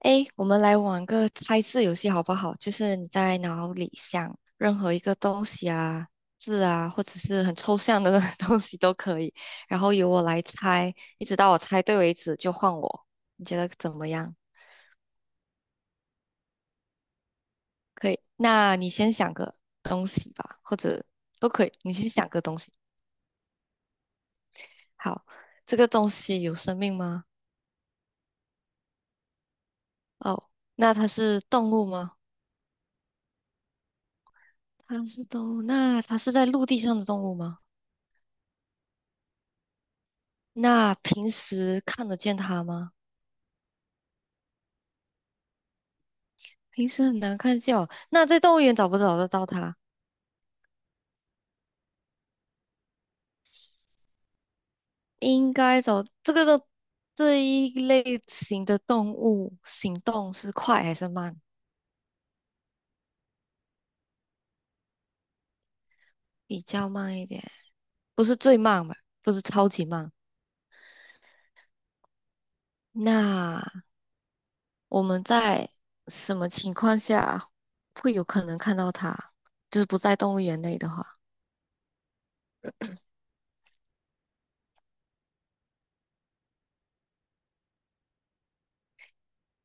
诶，我们来玩个猜字游戏好不好？就是你在脑里想任何一个东西啊、字啊，或者是很抽象的 东西都可以，然后由我来猜，一直到我猜对为止就换我。你觉得怎么样？可以，那你先想个东西吧，或者都可以，你先想个东西。好，这个东西有生命吗？哦，那它是动物吗？它是动物，那它是在陆地上的动物吗？那平时看得见它吗？平时很难看见哦。那在动物园找不找得到它？应该找这个的这一类型的动物，行动是快还是慢？比较慢一点，不是最慢吧？不是超级慢。那我们在什么情况下会有可能看到它？就是不在动物园内的话，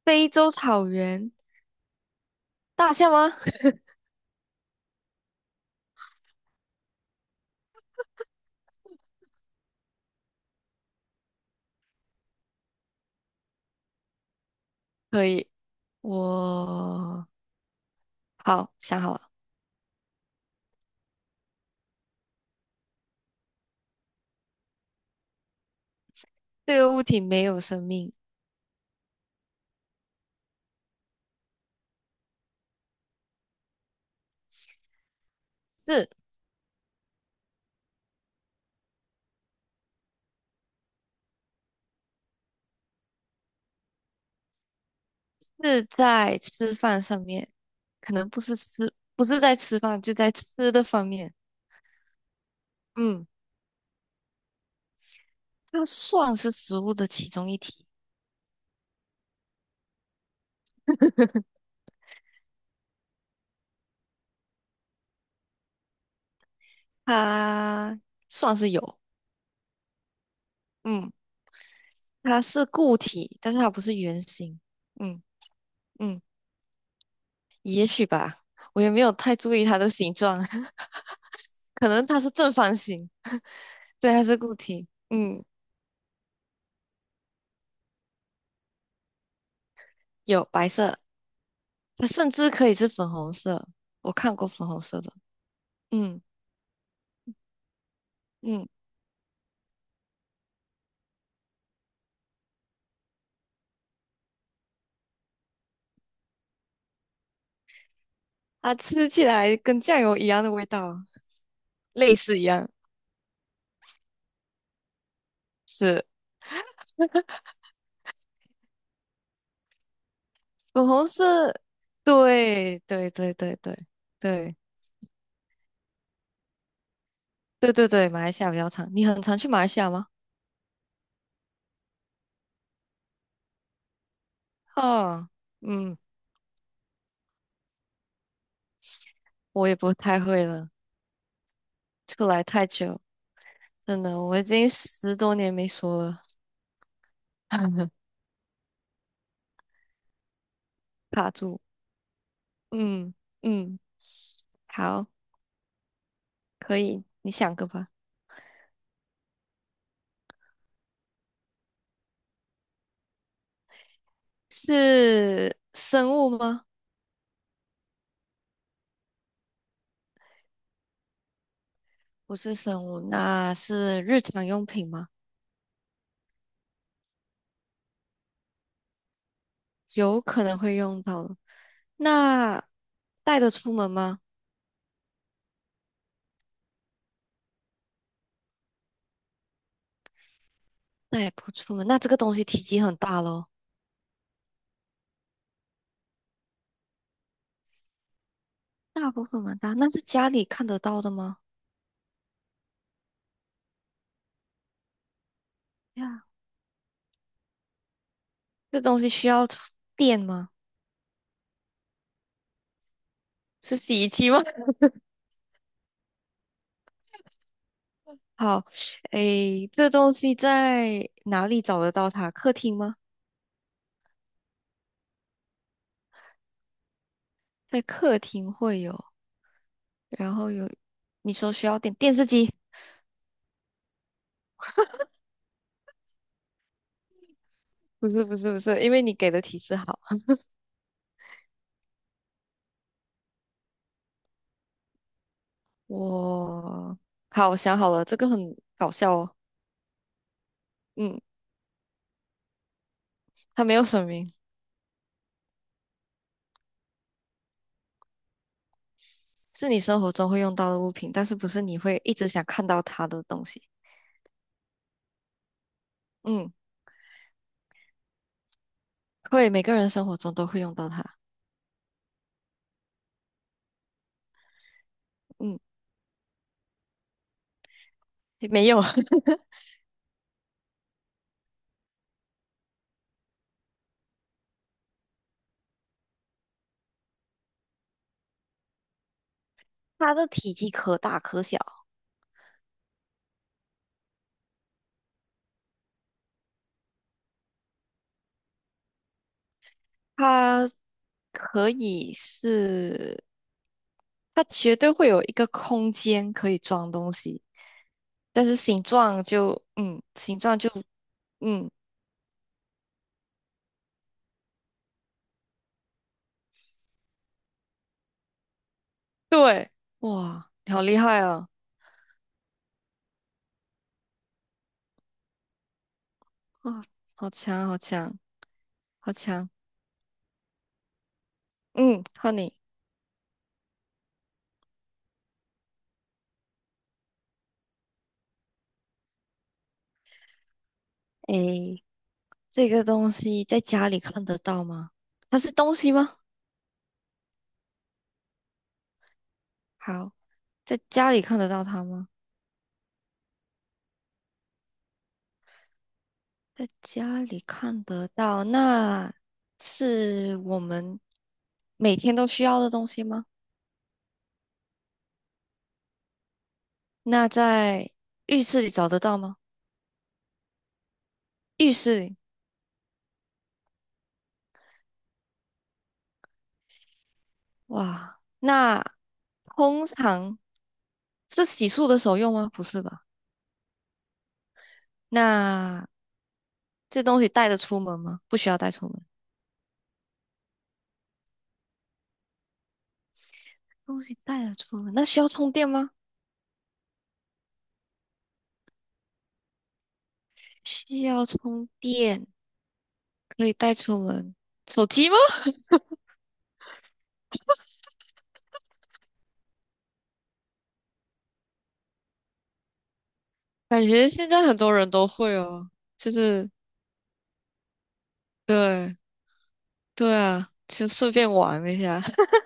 非洲草原大象吗？可以，我好想好了，这个物体没有生命。是是在吃饭上面，可能不是吃，不是在吃饭，就在吃的方面。嗯，它算是食物的其中一体，它算是有。嗯，它是固体，但是它不是圆形。嗯嗯，也许吧，我也没有太注意它的形状，可能它是正方形。对，它是固体。嗯，有白色，它甚至可以是粉红色，我看过粉红色的。嗯嗯。它吃起来跟酱油一样的味道，类似一样，是粉红色。对对对对对对对对对，马来西亚比较长，你很常去马来西亚吗？哦，嗯，我也不太会了，出来太久，真的，我已经10多年没说了，卡住。嗯嗯，好，可以，你想个吧。是生物吗？不是生物，那是日常用品吗？有可能会用到的。那带得出门吗？带不出门。那这个东西体积很大咯，大部分蛮大。那是家里看得到的吗？呀，这东西需要充电吗？是洗衣机吗？好，诶，这东西在哪里找得到它？客厅吗？在客厅会有，然后有，你说需要电，电视机？不是不是不是，因为你给的提示好，我好，我想好了，这个很搞笑哦。嗯，它没有声明。是你生活中会用到的物品，但是不是你会一直想看到它的东西。嗯，会，每个人生活中都会用到它。嗯，没有，它的体积可大可小，它可以是，它绝对会有一个空间可以装东西，但是形状就，嗯，形状就，嗯，对，哇，你好厉害啊！哇，好强，好强，好强。嗯，honey 诶，这个东西在家里看得到吗？它是东西吗？好，在家里看得到它吗？在家里看得到，那是我们每天都需要的东西吗？那在浴室里找得到吗？浴室里，哇，那通常是洗漱的时候用吗？不是吧？那这东西带得出门吗？不需要带出门。东西带得出门，那需要充电吗？需要充电。可以带出门。手机吗？感觉现在很多人都会哦，就是对，对啊，就顺便玩一下。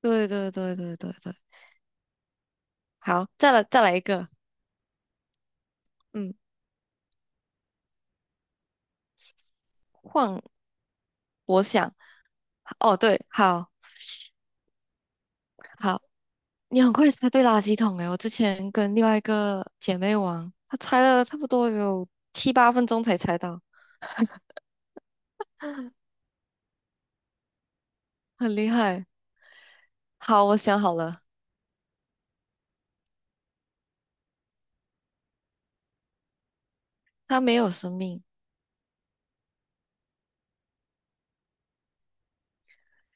对对对对对对，好，再来一个，嗯，换我想，哦对，好好，你很快猜对垃圾桶诶，我之前跟另外一个姐妹玩，她猜了差不多有7、8分钟才猜到，很厉害。好，我想好了，它没有生命。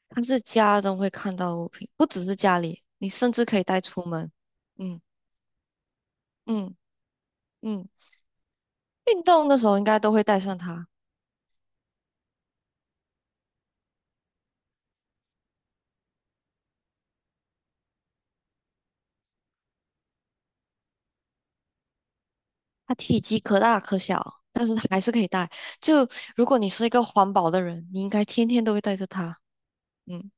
但是家中会看到的物品，不只是家里，你甚至可以带出门。嗯嗯嗯，运动的时候应该都会带上它。它体积可大可小，但是它还是可以带。就如果你是一个环保的人，你应该天天都会带着它。嗯，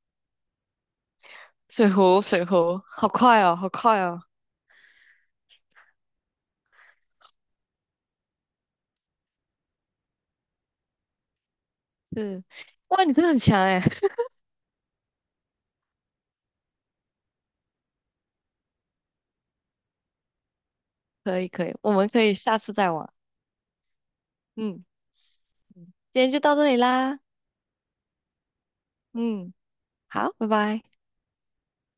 水壶，水壶，好快哦，好快哦。是，哇，你真的很强哎！可以可以，我们可以下次再玩。嗯，今天就到这里啦。嗯，好，拜拜。